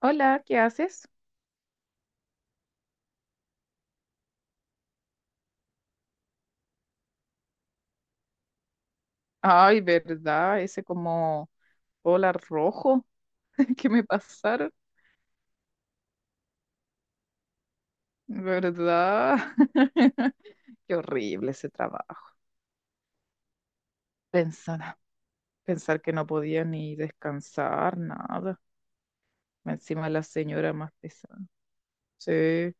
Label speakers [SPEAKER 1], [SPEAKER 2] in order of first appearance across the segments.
[SPEAKER 1] Hola, ¿qué haces? Ay, ¿verdad? Ese como hola rojo que me pasaron, ¿verdad? Qué horrible ese trabajo. Pensar, pensar que no podía ni descansar, nada. Encima la señora más pesada. Sí,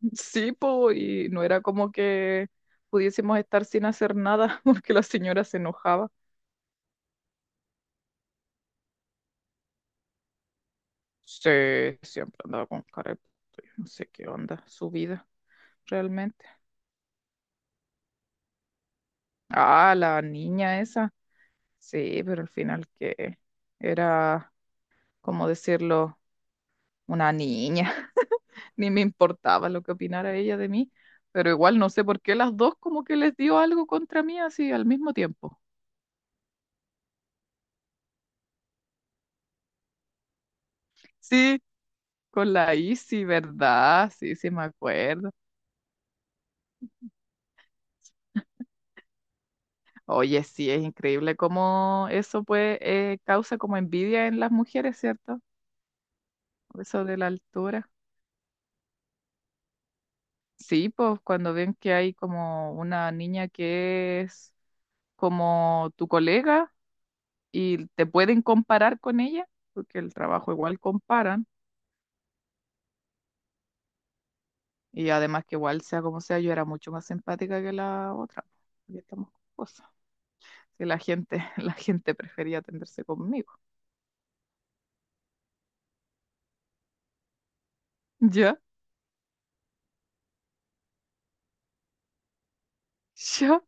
[SPEAKER 1] sí, po, y no era como que pudiésemos estar sin hacer nada porque la señora se enojaba. Sí, siempre andaba con cara de puto, yo no sé qué onda su vida realmente. Ah, la niña esa. Sí, pero al final que era, como decirlo, una niña. Ni me importaba lo que opinara ella de mí, pero igual no sé por qué las dos como que les dio algo contra mí así al mismo tiempo. Sí, con la Isi, ¿verdad? Sí, sí me acuerdo. Oye, sí, es increíble cómo eso pues causa como envidia en las mujeres, ¿cierto? Eso de la altura. Sí, pues cuando ven que hay como una niña que es como tu colega y te pueden comparar con ella, porque el trabajo igual comparan, y además que igual sea como sea, yo era mucho más empática que la otra. Ya estamos con cosas. Que la gente, la gente prefería atenderse conmigo. ¿Ya? ¿Ya?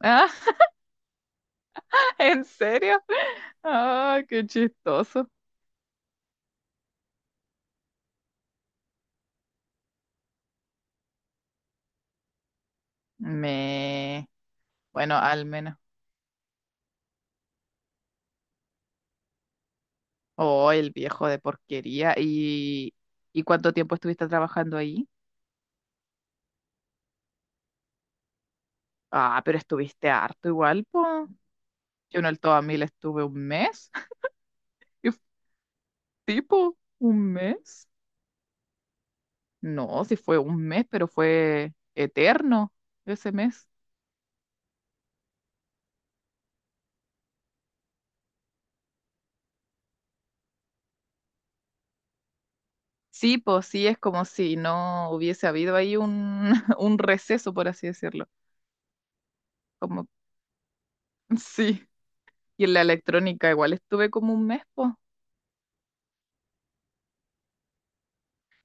[SPEAKER 1] ¿Ah, ¿en serio? Ah, qué chistoso. Me... Bueno, al menos. Oh, el viejo de porquería. Y cuánto tiempo estuviste trabajando ahí? Ah, pero estuviste harto igual, pues. Yo en el Todamil estuve un mes. Y tipo, un mes. No, sí fue un mes, pero fue eterno ese mes. Sí, pues sí, es como si no hubiese habido ahí un, un receso, por así decirlo. Como, sí. Y en la electrónica igual estuve como un mes, pues.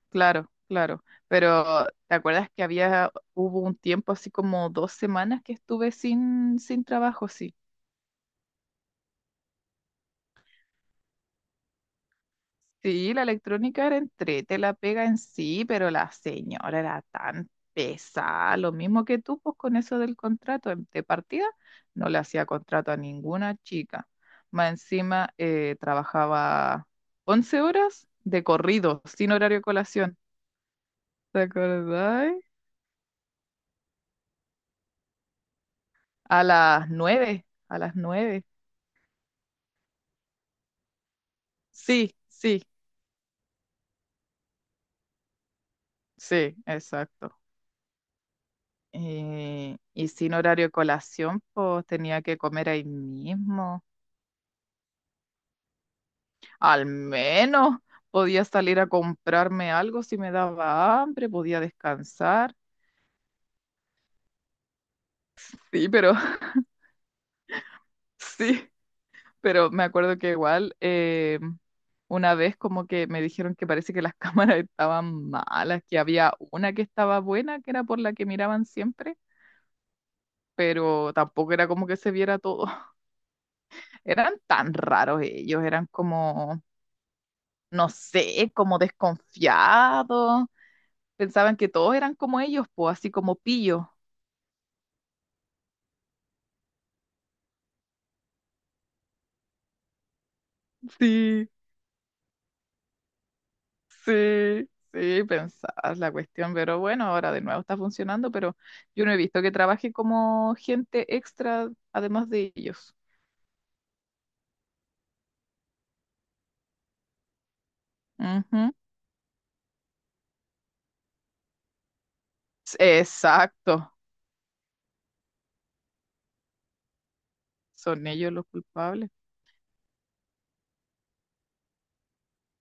[SPEAKER 1] Claro, claro. Pero ¿te acuerdas que había, hubo un tiempo así como dos semanas que estuve sin trabajo, sí? Sí, la electrónica era entrete, la pega en sí, pero la señora era tan pesada, lo mismo que tú, pues con eso del contrato de partida, no le hacía contrato a ninguna chica. Más encima trabajaba 11 horas de corrido, sin horario de colación. ¿Te acordás? A las 9, a las 9. Sí, sí, sí, exacto. Y sin horario de colación, pues tenía que comer ahí mismo. Al menos podía salir a comprarme algo si me daba hambre, podía descansar. Sí, pero sí, pero me acuerdo que igual una vez como que me dijeron que parece que las cámaras estaban malas, que había una que estaba buena, que era por la que miraban siempre, pero tampoco era como que se viera todo. Eran tan raros ellos, eran como, no sé, como desconfiados. Pensaban que todos eran como ellos, pues así como pillo. Sí. Sí, sí, pensás la cuestión, pero bueno, ahora de nuevo está funcionando, pero yo no he visto que trabaje como gente extra además de ellos. Ujú. S- Exacto, son ellos los culpables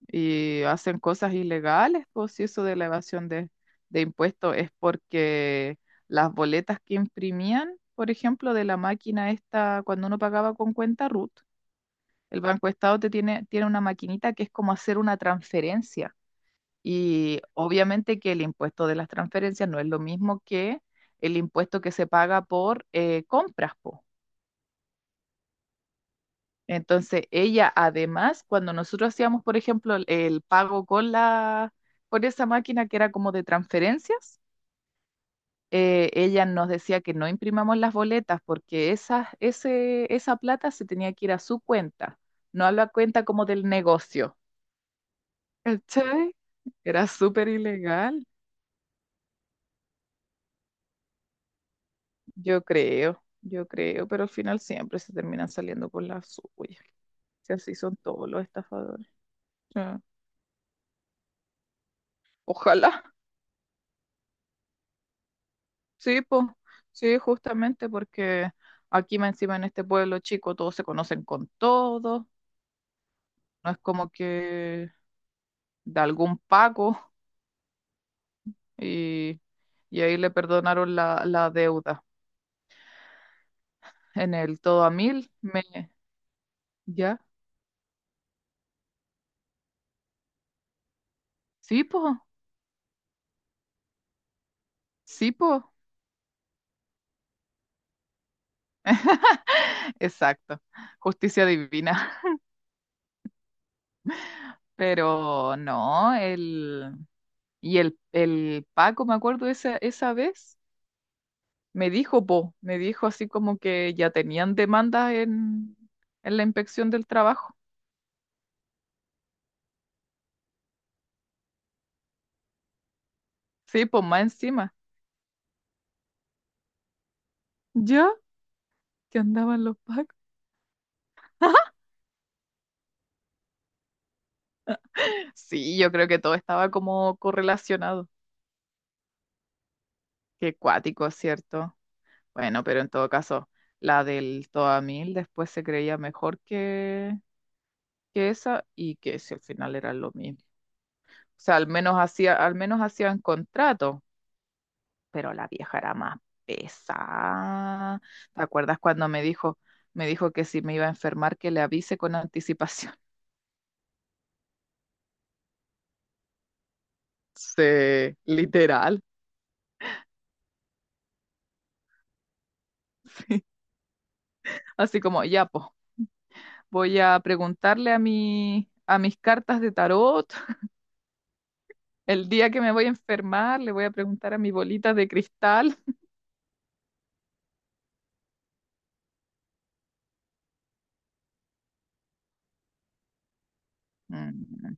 [SPEAKER 1] y hacen cosas ilegales, pues si eso de la evasión de impuestos es porque las boletas que imprimían, por ejemplo, de la máquina esta, cuando uno pagaba con cuenta RUT, el Banco Estado te tiene, tiene una maquinita que es como hacer una transferencia. Y obviamente que el impuesto de las transferencias no es lo mismo que el impuesto que se paga por compras, po. Entonces, ella además, cuando nosotros hacíamos, por ejemplo, el pago con la, por esa máquina que era como de transferencias, ella nos decía que no imprimamos las boletas porque esa, ese, esa plata se tenía que ir a su cuenta, no a la cuenta como del negocio. ¿Cachai? Era súper ilegal. Yo creo, pero al final siempre se terminan saliendo por la suya. Si así son todos los estafadores. Sí. Ojalá, sí, pues, sí, justamente porque aquí más encima en este pueblo chico todos se conocen con todos, no es como que de algún pago y, y ahí le perdonaron la, la deuda. En el todo a mil, me, ya, sí, pues, sí, pues, exacto, justicia divina. Pero no, el... Y el Paco, me acuerdo esa, esa vez, me dijo, po, me dijo así como que ya tenían demandas en la inspección del trabajo. Sí, pues más encima. ¿Ya? Que andaban los Pacos. Sí, yo creo que todo estaba como correlacionado. Qué cuático, ¿cierto? Bueno, pero en todo caso, la del Toa Mil después se creía mejor que esa y que si al final era lo mismo. O sea, al menos hacía, al menos hacían contrato, pero la vieja era más pesada. ¿Te acuerdas cuando me dijo que si me iba a enfermar que le avise con anticipación? Sí, literal. Así como, ya, pues, voy a preguntarle a mi, a mis cartas de tarot. El día que me voy a enfermar, le voy a preguntar a mi bolita de cristal. Mm,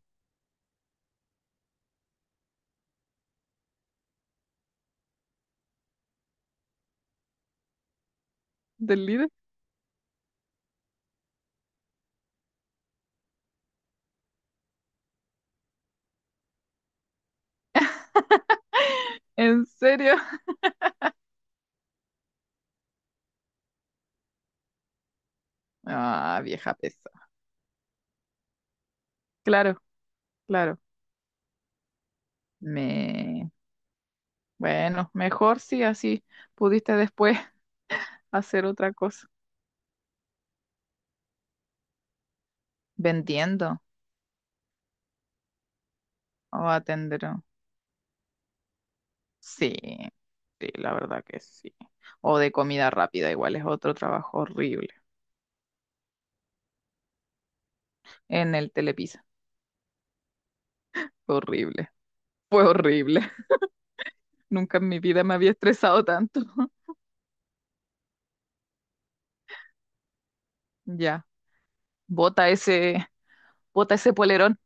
[SPEAKER 1] ¿del líder? ¿En serio? Ah, vieja pesa. Claro, claro. Me, bueno, mejor si así pudiste después hacer otra cosa, vendiendo o atendiendo. Sí, sí, la verdad que sí. O de comida rápida, igual es otro trabajo horrible. En el Telepizza, fue horrible, fue horrible. Nunca en mi vida me había estresado tanto. Ya, bota ese, bota ese polerón.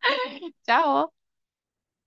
[SPEAKER 1] Chao.